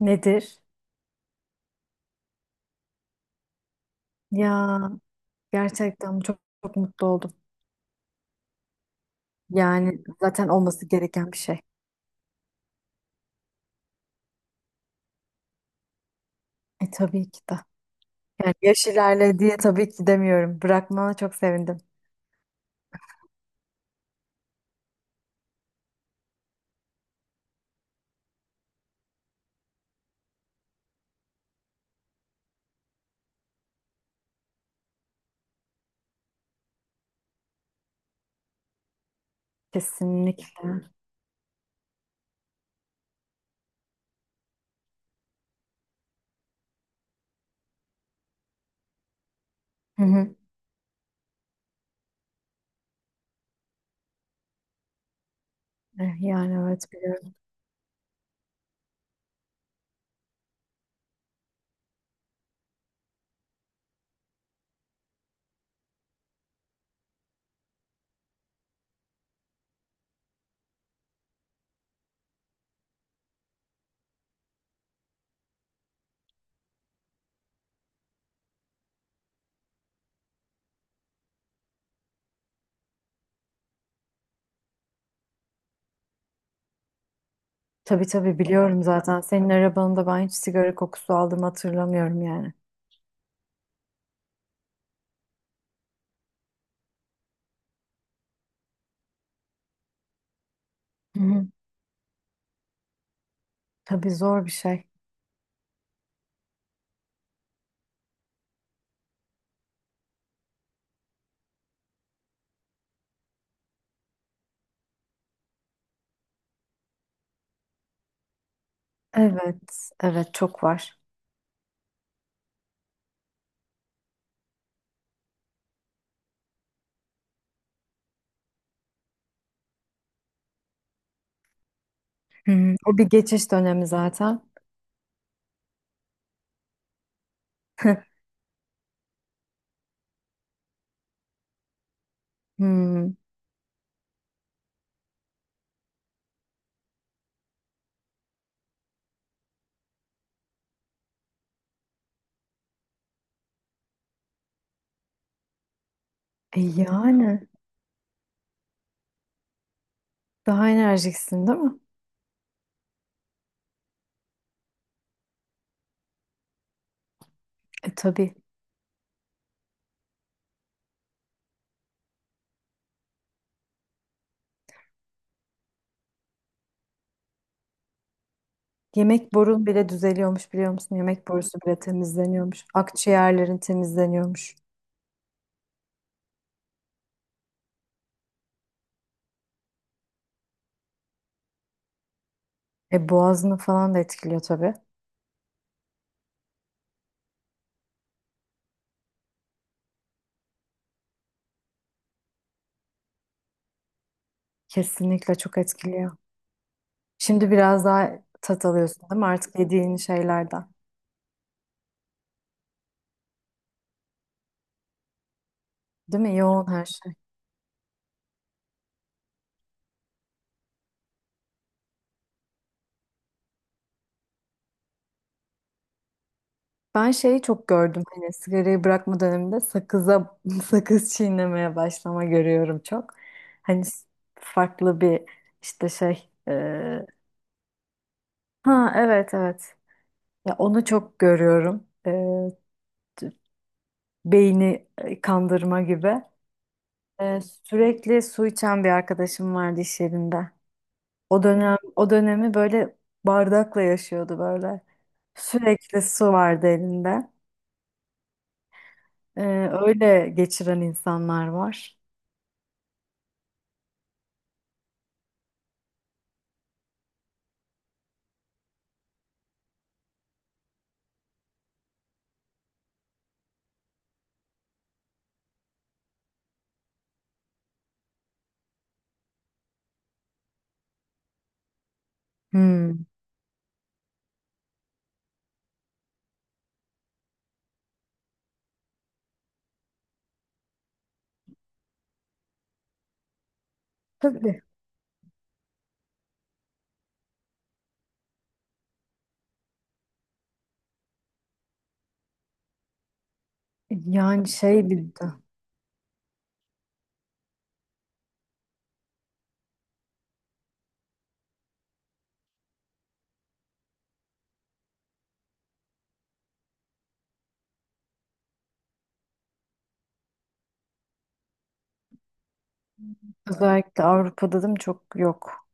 Nedir? Ya gerçekten çok, çok mutlu oldum. Yani zaten olması gereken bir şey. Tabii ki de. Yani yaş ilerledi diye tabii ki demiyorum. Bırakmana çok sevindim. Kesinlikle. Hı hı. Yani evet biliyorum. Tabii tabii biliyorum zaten. Senin arabanında ben hiç sigara kokusu aldığımı hatırlamıyorum yani. Hı hı. Tabii zor bir şey. Evet, evet çok var. Hmm, o bir geçiş dönemi zaten. Hmm, yani daha enerjiksin değil mi? E tabii. Yemek borun bile düzeliyormuş biliyor musun? Yemek borusu bile temizleniyormuş. Akciğerlerin temizleniyormuş. E boğazını falan da etkiliyor tabii. Kesinlikle çok etkiliyor. Şimdi biraz daha tat alıyorsun değil mi? Artık yediğin şeylerden. Değil mi? Yoğun her şey. Ben şeyi çok gördüm hani sigarayı bırakma döneminde sakıza sakız çiğnemeye başlama görüyorum çok. Hani farklı bir işte şey ha evet evet ya onu çok görüyorum. T- beyni kandırma gibi. Sürekli su içen bir arkadaşım vardı iş yerinde. O dönem o dönemi böyle bardakla yaşıyordu böyle. Sürekli su vardı elinde. E, Öyle geçiren insanlar var. Hmm. Tabii. Yani şey bir de özellikle Avrupa'da değil mi çok yok.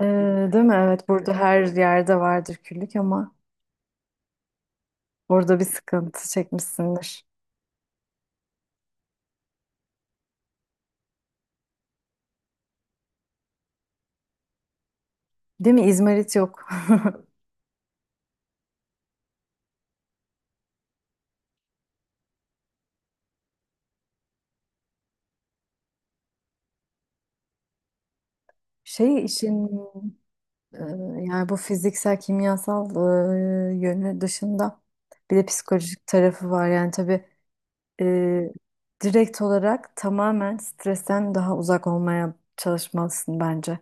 Değil mi? Evet burada her yerde vardır küllük ama orada bir sıkıntı çekmişsindir. Değil mi? İzmarit yok. Şey işin e, yani bu fiziksel kimyasal yönü dışında bir de psikolojik tarafı var. Yani tabii e, direkt olarak tamamen stresten daha uzak olmaya çalışmalısın bence.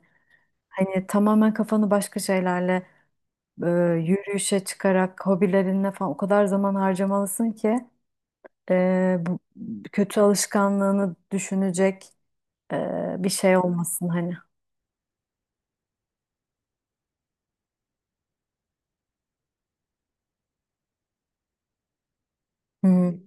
Hani tamamen kafanı başka şeylerle e, yürüyüşe çıkarak hobilerine falan o kadar zaman harcamalısın ki bu kötü alışkanlığını düşünecek bir şey olmasın hani. Hı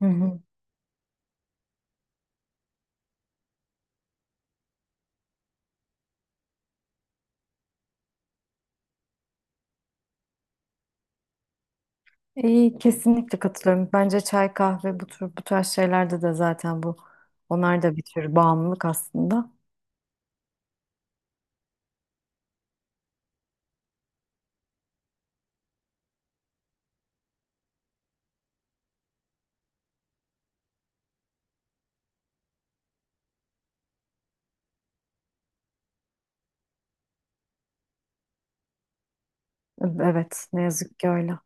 hı. Hı. İyi, kesinlikle katılıyorum. Bence çay, kahve bu tür bu tarz şeylerde de zaten onlar da bir tür bağımlılık aslında. Evet, ne yazık ki öyle.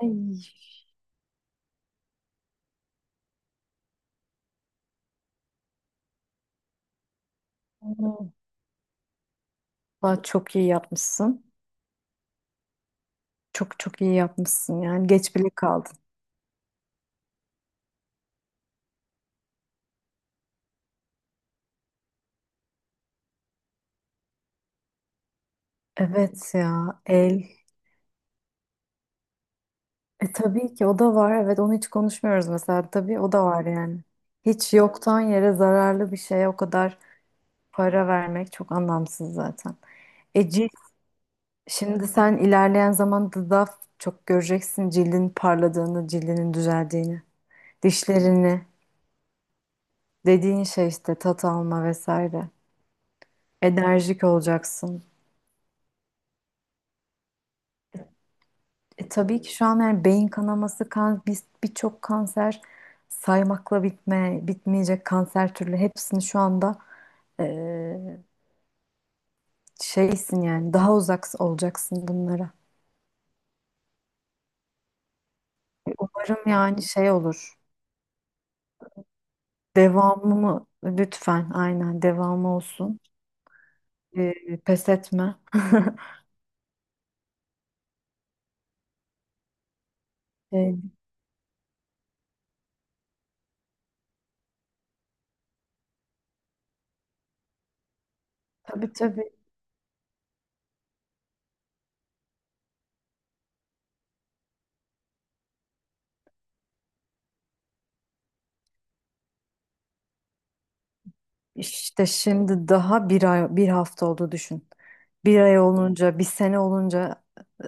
Ay, vallahi çok iyi yapmışsın. Çok çok iyi yapmışsın, yani geç bile kaldın. Evet ya el. E tabii ki o da var. Evet onu hiç konuşmuyoruz mesela. Tabii o da var yani. Hiç yoktan yere zararlı bir şeye o kadar para vermek çok anlamsız zaten. E cilt, şimdi sen ilerleyen zamanda daha çok göreceksin cildin parladığını, cildinin düzeldiğini, dişlerini, dediğin şey işte tat alma vesaire. Enerjik olacaksın. E tabii ki şu an yani beyin kanaması, kan, birçok kanser, saymakla bitmeyecek kanser türlü hepsini şu anda Ee, şeysin yani daha uzak olacaksın bunlara. Umarım yani şey olur. Devamı mı? Lütfen aynen devamı olsun. Pes etme. Ee, tabii tabii, işte şimdi daha bir ay, bir hafta oldu düşün. Bir ay olunca, bir sene olunca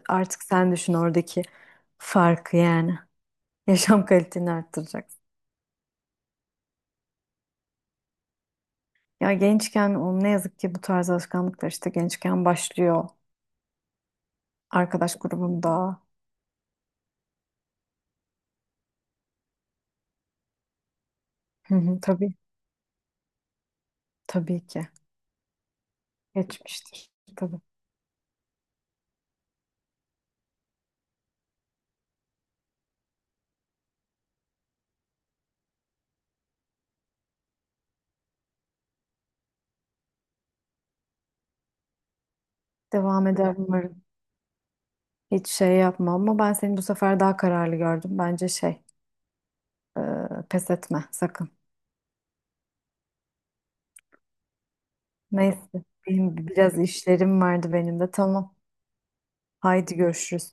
artık sen düşün oradaki farkı yani. Yaşam kaliteni arttıracaksın. Ya gençken o, ne yazık ki bu tarz alışkanlıklar işte gençken başlıyor. Arkadaş grubunda. Hı hı, tabii, tabii ki. Geçmiştir. Tabii. Devam eder umarım. Hiç şey yapma ama ben seni bu sefer daha kararlı gördüm. Bence şey, e, pes etme sakın. Neyse, benim biraz işlerim vardı benim de. Tamam. Haydi görüşürüz.